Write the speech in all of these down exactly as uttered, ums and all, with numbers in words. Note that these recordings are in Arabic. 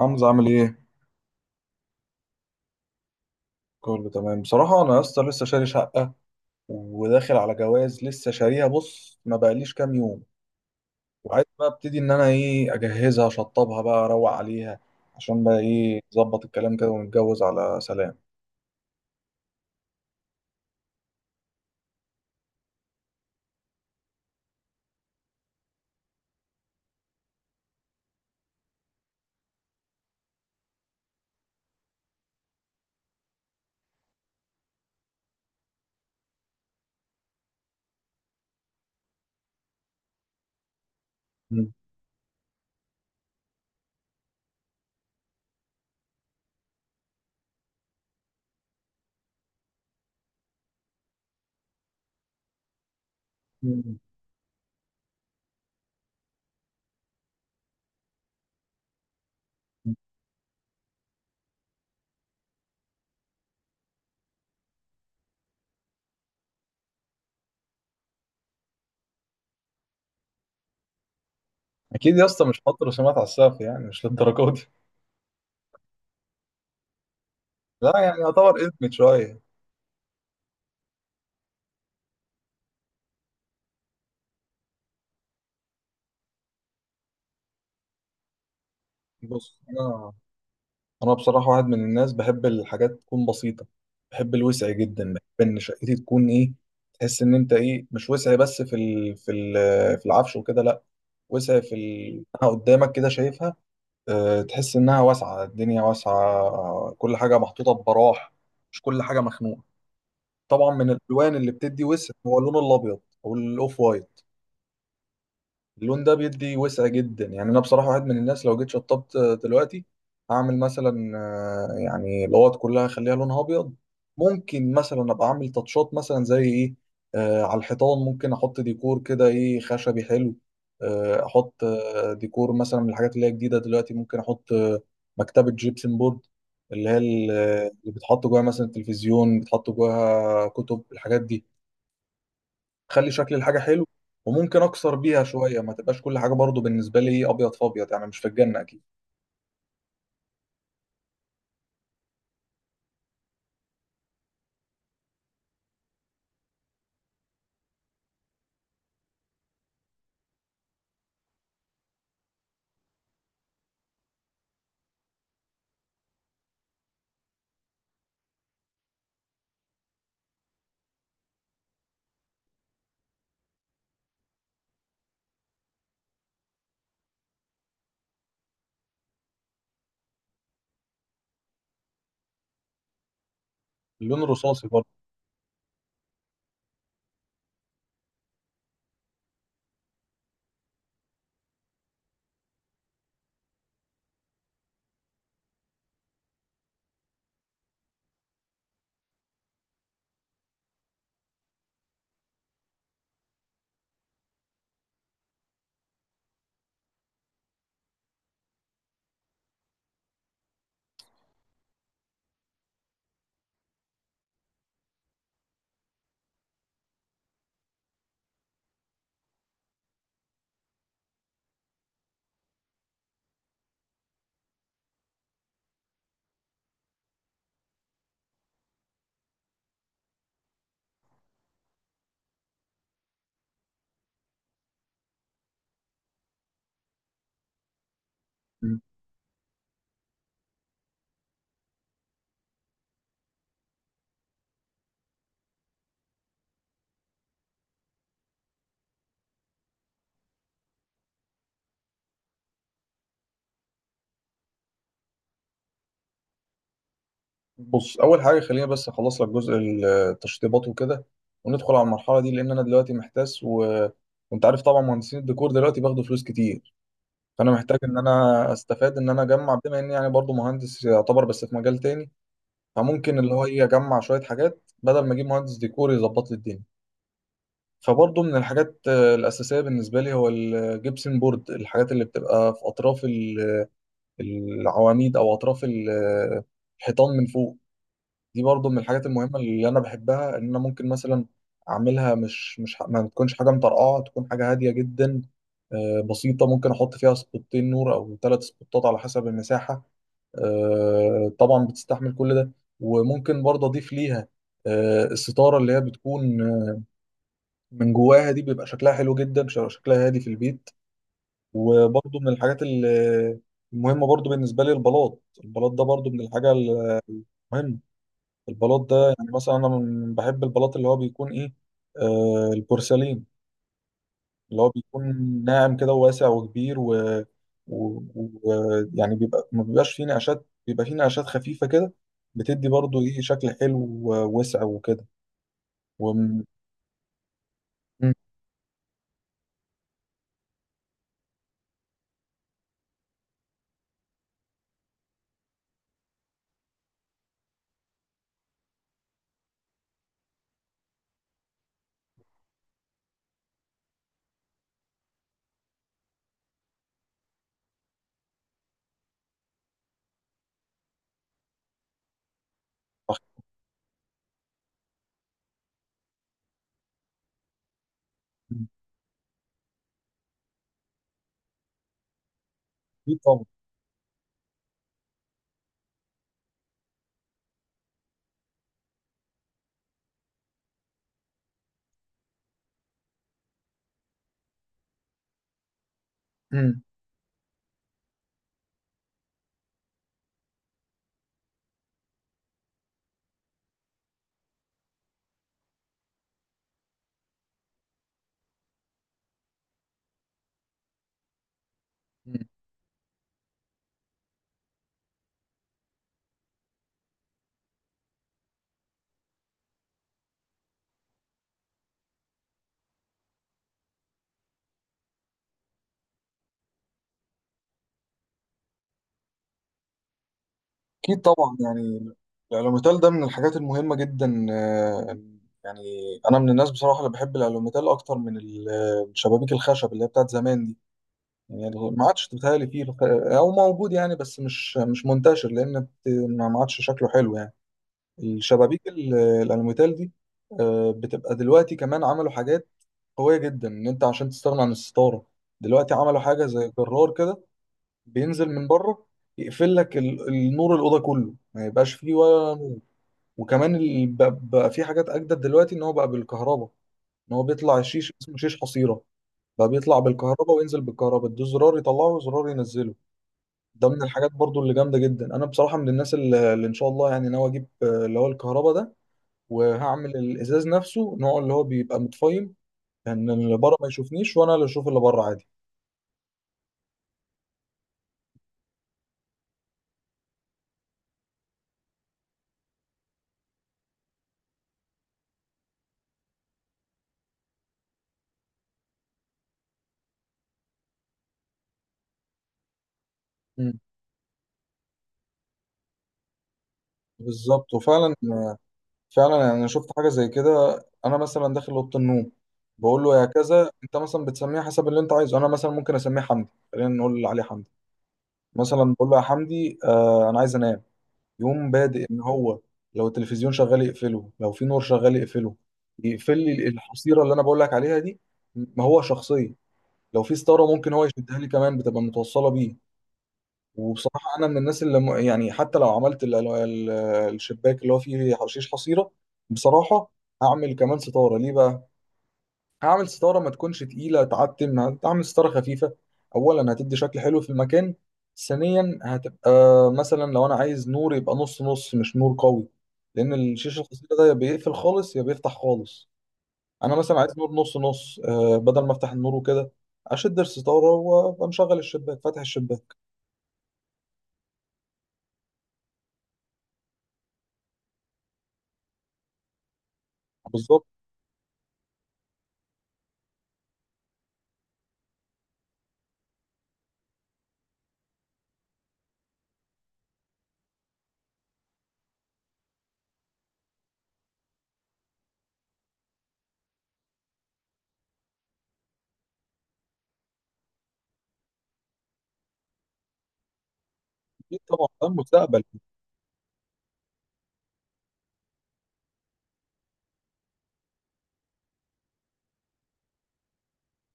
حمزة عامل ايه؟ كله تمام بصراحة. أنا يا اسطى لسه شاري شقة وداخل على جواز، لسه شاريها، بص، ما بقاليش كام يوم. وعايز بقى ابتدي إن أنا ايه، أجهزها أشطبها بقى، أروق عليها عشان بقى ايه نظبط الكلام كده ونتجوز على سلام. مم. مم. أكيد يا اسطى مش هحط رسومات على السقف، يعني مش للدرجة دي. لا، يعني يعتبر إدمت شوية. بص، أنا انا بصراحه واحد من الناس بحب الحاجات تكون بسيطه، بحب الوسع جدا، بحب ان شقتي تكون ايه، تحس ان انت ايه، مش وسع بس في ال في ال في العفش وكده، لا، وسع في ال... إنها قدامك كده شايفها. أه تحس انها واسعه، الدنيا واسعه، كل حاجه محطوطه ببراح، مش كل حاجه مخنوقه. طبعا من الالوان اللي بتدي وسع هو اللون الابيض او الاوف وايت. اللون ده بيدي وسع جدا، يعني انا بصراحه واحد من الناس لو جيت شطبت دلوقتي، هعمل مثلا آه، يعني الاوض كلها اخليها لونها ابيض. ممكن مثلا ابقى اعمل تاتشات، مثلا زي ايه، آه على الحيطان ممكن احط ديكور كده، ايه، خشبي حلو. آه احط آه، ديكور مثلا من الحاجات اللي هي جديده دلوقتي، ممكن احط آه، مكتبه جيبسن بورد، اللي هي ال- آه، اللي بتحط جواها مثلا التلفزيون، بتحط جواها كتب، الحاجات دي، خلي شكل الحاجه حلو. وممكن اكسر بيها شويه، ما تبقاش كل حاجه برضو بالنسبه لي ابيض في ابيض، يعني مش في الجنه اكيد. اللون الرصاصي برضو. مم. بص، اول حاجه خلينا بس اخلص لك جزء التشطيبات وكده وندخل على المرحله دي، لان انا دلوقتي محتاس و... وانت عارف طبعا مهندسين الديكور دلوقتي بياخدوا فلوس كتير، فانا محتاج ان انا استفاد ان انا اجمع، بما اني يعني برضو مهندس يعتبر، بس في مجال تاني. فممكن اللي هو ايه، اجمع شويه حاجات بدل ما اجيب مهندس ديكور يظبط لي الدنيا. فبرضه من الحاجات آه، الأساسية بالنسبة لي هو الجبسن بورد، الحاجات اللي بتبقى في أطراف ال- العواميد أو أطراف ال- آه، الحيطان من فوق. دي برضه من الحاجات المهمة اللي أنا بحبها، إن أنا ممكن مثلا أعملها، مش مش ح- ما تكونش حاجة مطرقعة، تكون حاجة هادية جدا، آه، بسيطة. ممكن أحط فيها سبوتين نور أو ثلاث سبوتات على حسب المساحة، آه، طبعا بتستحمل كل ده. وممكن برضه أضيف ليها آه، الستارة اللي هي بتكون من جواها دي، بيبقى شكلها حلو جدا، ش- شكلها هادي في البيت. وبرضه من الحاجات ال- المهمة برضه بالنسبة لي البلاط، البلاط ده برضه من الحاجة المهمة. البلاط ده يعني مثلا أنا من- بحب البلاط اللي هو بيكون إيه، آه البورسلين، اللي هو بيكون ناعم كده وواسع وكبير و, و... و... يعني بيبقى، ما بيبقاش فيه نقشات، بيبقى فيه نقشات خفيفة كده، بتدي برضه إيه، شكل حلو ووسع وكده و... مم. مم. طبعا. مم. أكيد طبعا، يعني الألوميتال ده من الحاجات المهمة جدا، آه، يعني أنا من الناس بصراحة اللي بحب الألوميتال أكتر من ال- الشبابيك الخشب اللي هي بتاعت زمان دي، يعني ما عادش بتهيألي فيه الخ- أو موجود، يعني بس مش مش منتشر، لأن بت- ما عادش شكله حلو، يعني الشبابيك ال- الألوميتال دي آه، بتبقى دلوقتي. كمان عملوا حاجات قوية جدا إن أنت عشان تستغنى عن الستارة، دلوقتي عملوا حاجة زي جرار كده، بينزل من بره، يقفل لك ال- النور، الاوضه كله ما يبقاش فيه ولا نور. وكمان ال- بقى بقى في حاجات اجدد دلوقتي، ان هو بقى بالكهرباء، ان هو بيطلع الشيش، اسمه شيش حصيره، بقى بيطلع بالكهرباء وينزل بالكهرباء، ده زرار يطلعه وزرار ينزله. ده من الحاجات برضو اللي جامده جدا. انا بصراحه من الناس اللي, اللي ان شاء الله يعني ناوي اجيب آه، اللي هو الكهرباء ده، وهعمل الازاز نفسه نوع اللي هو بيبقى متفايم، ان يعني اللي بره ما يشوفنيش، وانا اللي اشوف اللي بره عادي. مم. بالظبط، وفعلا. فعلا، يعني أنا شفت حاجه زي كده. انا مثلا داخل اوضه النوم، بقول له يا كذا، انت مثلا بتسميه حسب اللي انت عايزه، انا مثلا ممكن اسميه حمدي، خلينا نقول اللي عليه حمدي، مثلا بقول له يا حمدي، آه انا عايز انام، يقوم بادئ ان هو لو التلفزيون شغال يقفله، لو في نور شغال يقفله، يقفل لي الحصيره اللي انا بقول لك عليها دي، ما هو شخصيه، لو في ستاره ممكن هو يشدها لي كمان، بتبقى متوصله بيه. وبصراحة أنا من الناس اللي م- يعني حتى لو عملت ال- ال- الشباك اللي هو فيه حشيش حصيرة، بصراحة هعمل كمان ستارة، ليه بقى؟ هعمل ستارة ما تكونش تقيلة تعتم، هعمل ستارة خفيفة. أولا، هتدي شكل حلو في المكان. ثانيا، هتبقى مثلا لو أنا عايز نور يبقى نص نص، مش نور قوي، لأن الشيش الحصيرة ده يا بيقفل خالص يا بيفتح خالص. أنا مثلا عايز نور نص نص، آه، بدل ما أفتح النور وكده، أشد الستارة وأبقى مشغل الشباك فاتح الشباك. بالظبط. أكيد طبعا، ده المستقبل.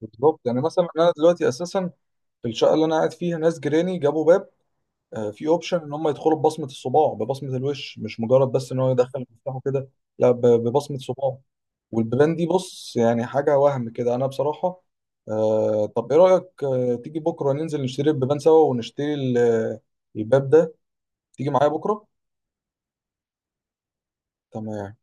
بالظبط، يعني مثلا انا دلوقتي اساسا في الشقه اللي انا قاعد فيها، ناس جيراني جابوا باب آه، فيه اوبشن ان هم يدخلوا ببصمه الصباع، ببصمه الوش، مش مجرد بس ان هو يدخل مفتاحه كده، لا، ب- ببصمه صباعه. والبيبان دي بص يعني حاجه وهم كده. انا بصراحه، آه طب ايه رايك، آه تيجي بكره ننزل نشتري البيبان سوا، ونشتري ال- الباب ده؟ تيجي معايا بكره؟ تمام.